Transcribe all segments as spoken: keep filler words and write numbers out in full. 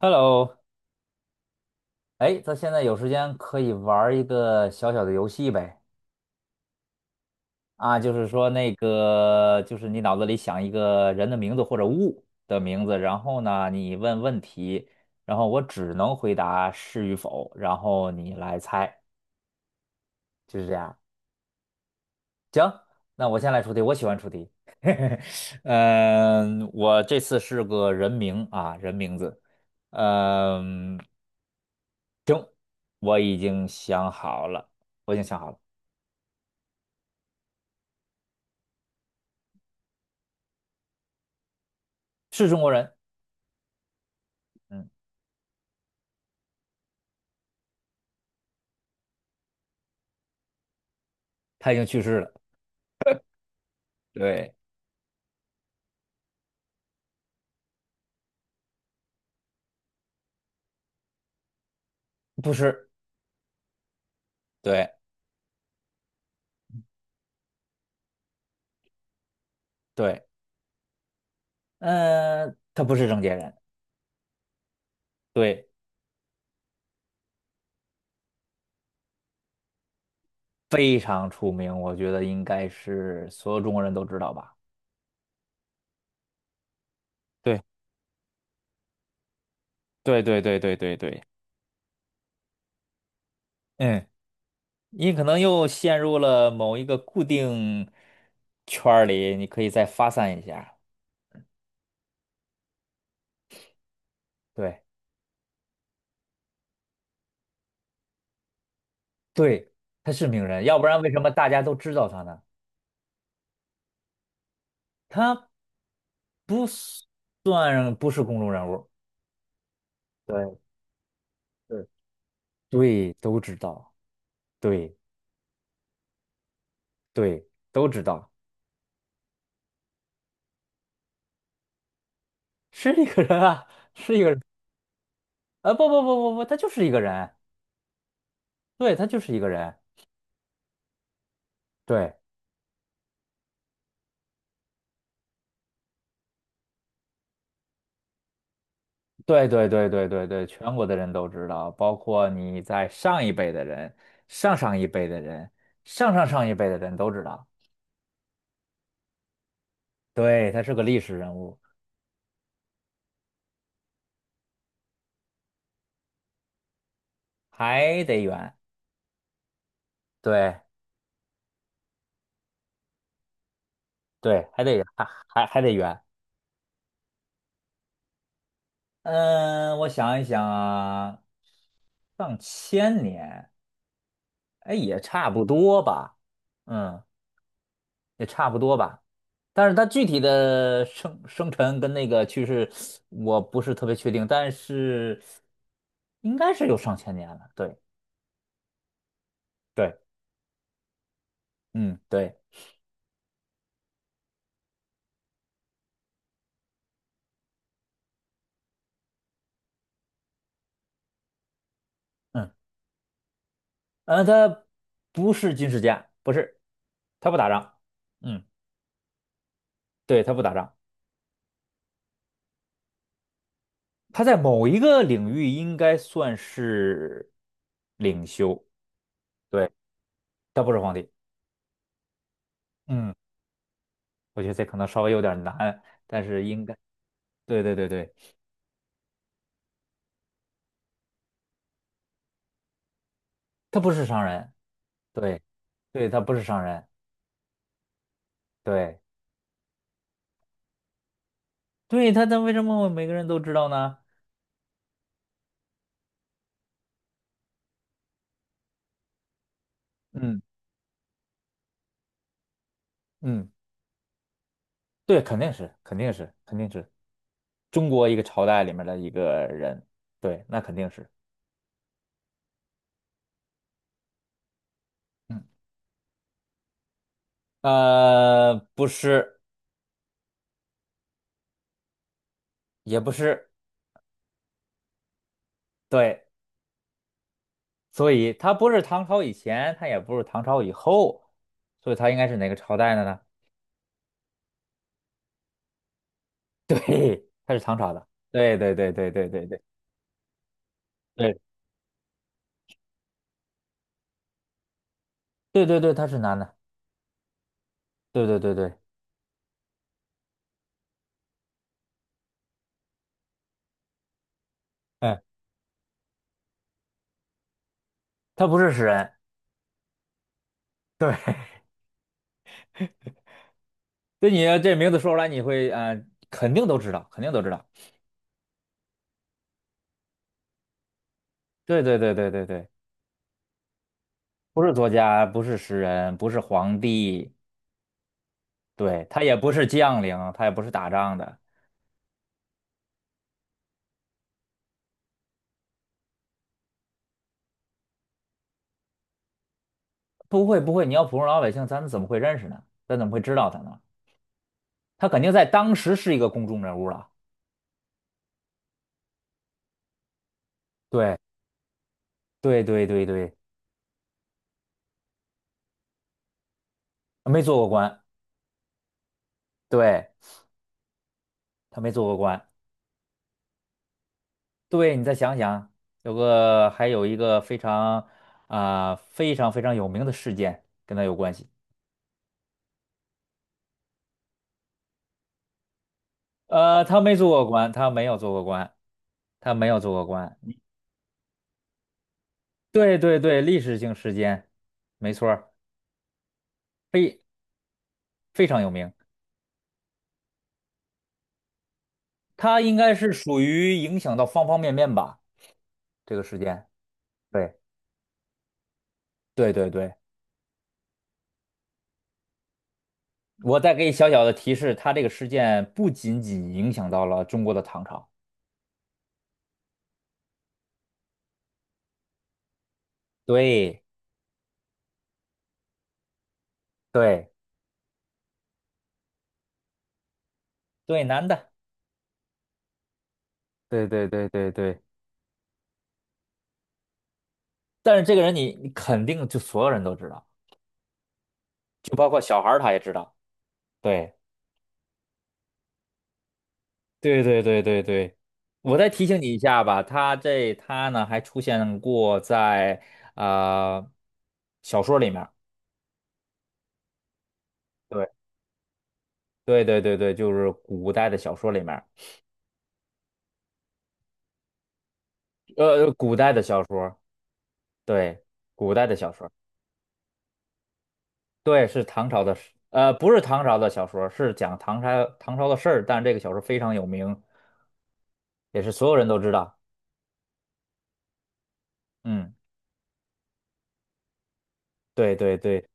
Hello，哎，咱现在有时间可以玩儿一个小小的游戏呗？啊，就是说那个，就是你脑子里想一个人的名字或者物的名字，然后呢，你问问题，然后我只能回答是与否，然后你来猜，就是这样。行，那我先来出题，我喜欢出题。嗯，我这次是个人名啊，人名字。嗯，我已经想好了，我已经想好了，是中国人。嗯。他已经去世了。对，不是，对对，呃，他不是郑解人，对，非常出名，我觉得应该是所有中国人都知道吧。对对对对对对对，嗯，你可能又陷入了某一个固定圈儿里，你可以再发散一下。对，对，他是名人，要不然为什么大家都知道他呢？他不算不是公众人物。对对，对，都知道。对。对，都知道是一个人啊，是一个人啊，不不不不不，他就是一个人，对，他就是一个人，对对对对对对对，全国的人都知道，包括你在上一辈的人、上上一辈的人、上上上一辈的人都知道，对，他是个历史人物，还得圆，对对，还得圆，还还还得圆，嗯，我想一想啊，上千年，哎，也差不多吧，嗯，也差不多吧。但是他具体的生生辰跟那个趋势，我不是特别确定，但是应该是有上千年了。对对，嗯对嗯，呃，他不是军事家，不是，他不打仗。嗯，对，他不打仗，他在某一个领域应该算是领袖。对，他不是皇帝。嗯，我觉得这可能稍微有点难，但是应该，对对对对，他不是商人。对对，他不是商人。对对，他他为什么每个人都知道呢？嗯嗯，对，肯定是，肯定是，肯定是中国一个朝代里面的一个人，对，那肯定是，嗯，呃，不是，也不是，对，所以他不是唐朝以前，他也不是唐朝以后，所以他应该是哪个朝代的呢？对，他是唐朝的，对对对对对对对对对对对，他是男的，对对对对，嗯，他不是诗人，对。对你这名字说出来，你会呃，肯定都知道，肯定都知道。对对对对对对，不是作家，不是诗人，不是皇帝，对，他也不是将领，他也不是打仗的。不会不会，你要普通老百姓，咱怎么会认识呢？咱怎么会知道他呢？他肯定在当时是一个公众人物了。对对对对对，没做过官，对，他没做过官。对，你再想想，有个还有一个非常啊、非常非常有名的事件跟他有关系。呃，他没做过官，他没有做过官，他没有做过官。对对对，历史性事件，没错儿，非非常有名。他应该是属于影响到方方面面吧，这个事件。对对对对，我再给你小小的提示，他这个事件不仅仅影响到了中国的唐朝。对对对，男的。对对对对对，但是这个人你你肯定就所有人都知道，就包括小孩儿他也知道。对。对对对对对，我再提醒你一下吧，他这他呢还出现过在啊、呃小说里面儿对对对对对，就是古代的小说里面儿呃，古代的小说，对，古代的小说，对，是唐朝的事，呃，不是唐朝的小说，是讲唐朝唐朝的事儿，但是这个小说非常有名，也是所有人都知道，嗯，对对对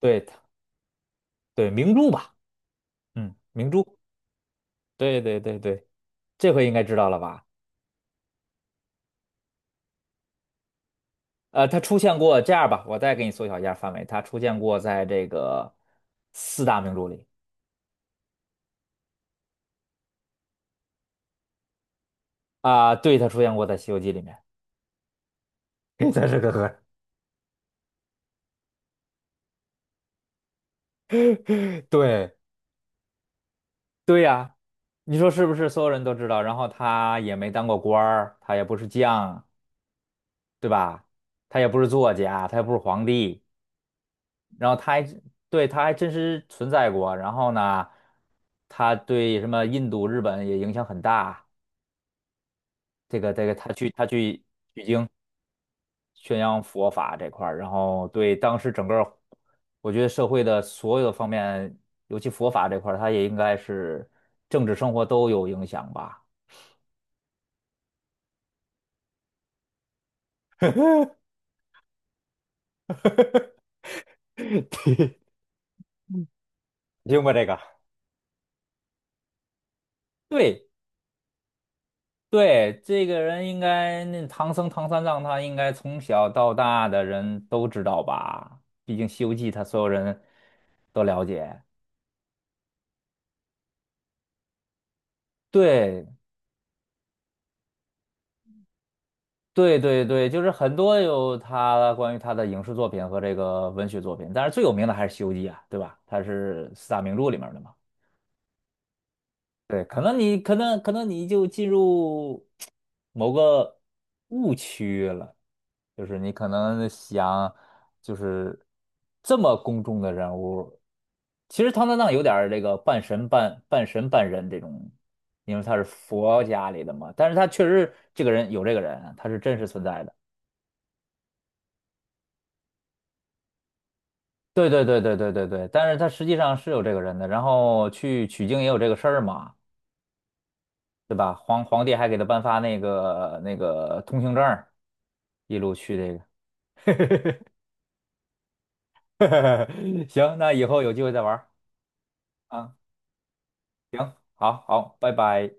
对对，明珠吧，嗯，明珠，对对对对，这回应该知道了吧？呃，他出现过，这样吧，我再给你缩小一下范围，他出现过在这个四大名著里啊、对，他出现过在《西游记》里面。它是个和尚 对对呀，你说是不是？所有人都知道，然后他也没当过官儿，他也不是将，对吧？他也不是作家，他也不是皇帝，然后他还对他还真实存在过。然后呢，他对什么印度、日本也影响很大。这个这个，他去他去宣扬佛法这块儿，然后对当时整个儿我觉得社会的所有的方面，尤其佛法这块儿，它也应该是政治生活都有影响吧。听过这个？对对，这个人应该那唐僧唐三藏，他应该从小到大的人都知道吧？毕竟《西游记》，他所有人都了解。对对对对，就是很多有他关于他的影视作品和这个文学作品，但是最有名的还是《西游记》啊，对吧？它是四大名著里面的嘛。对，可能你可能可能你就进入某个误区了，就是你可能想就是这么公众的人物，其实唐三藏有点儿这个半神半半神半人这种，因为他是佛家里的嘛，但是他确实这个人有这个人啊，他是真实存在的。对对对对对对对，但是他实际上是有这个人的，然后去取经也有这个事儿嘛，对吧？皇皇帝还给他颁发那个那个通行证儿，一路去这个。行，那以后有机会再玩儿啊。行，好好，拜拜。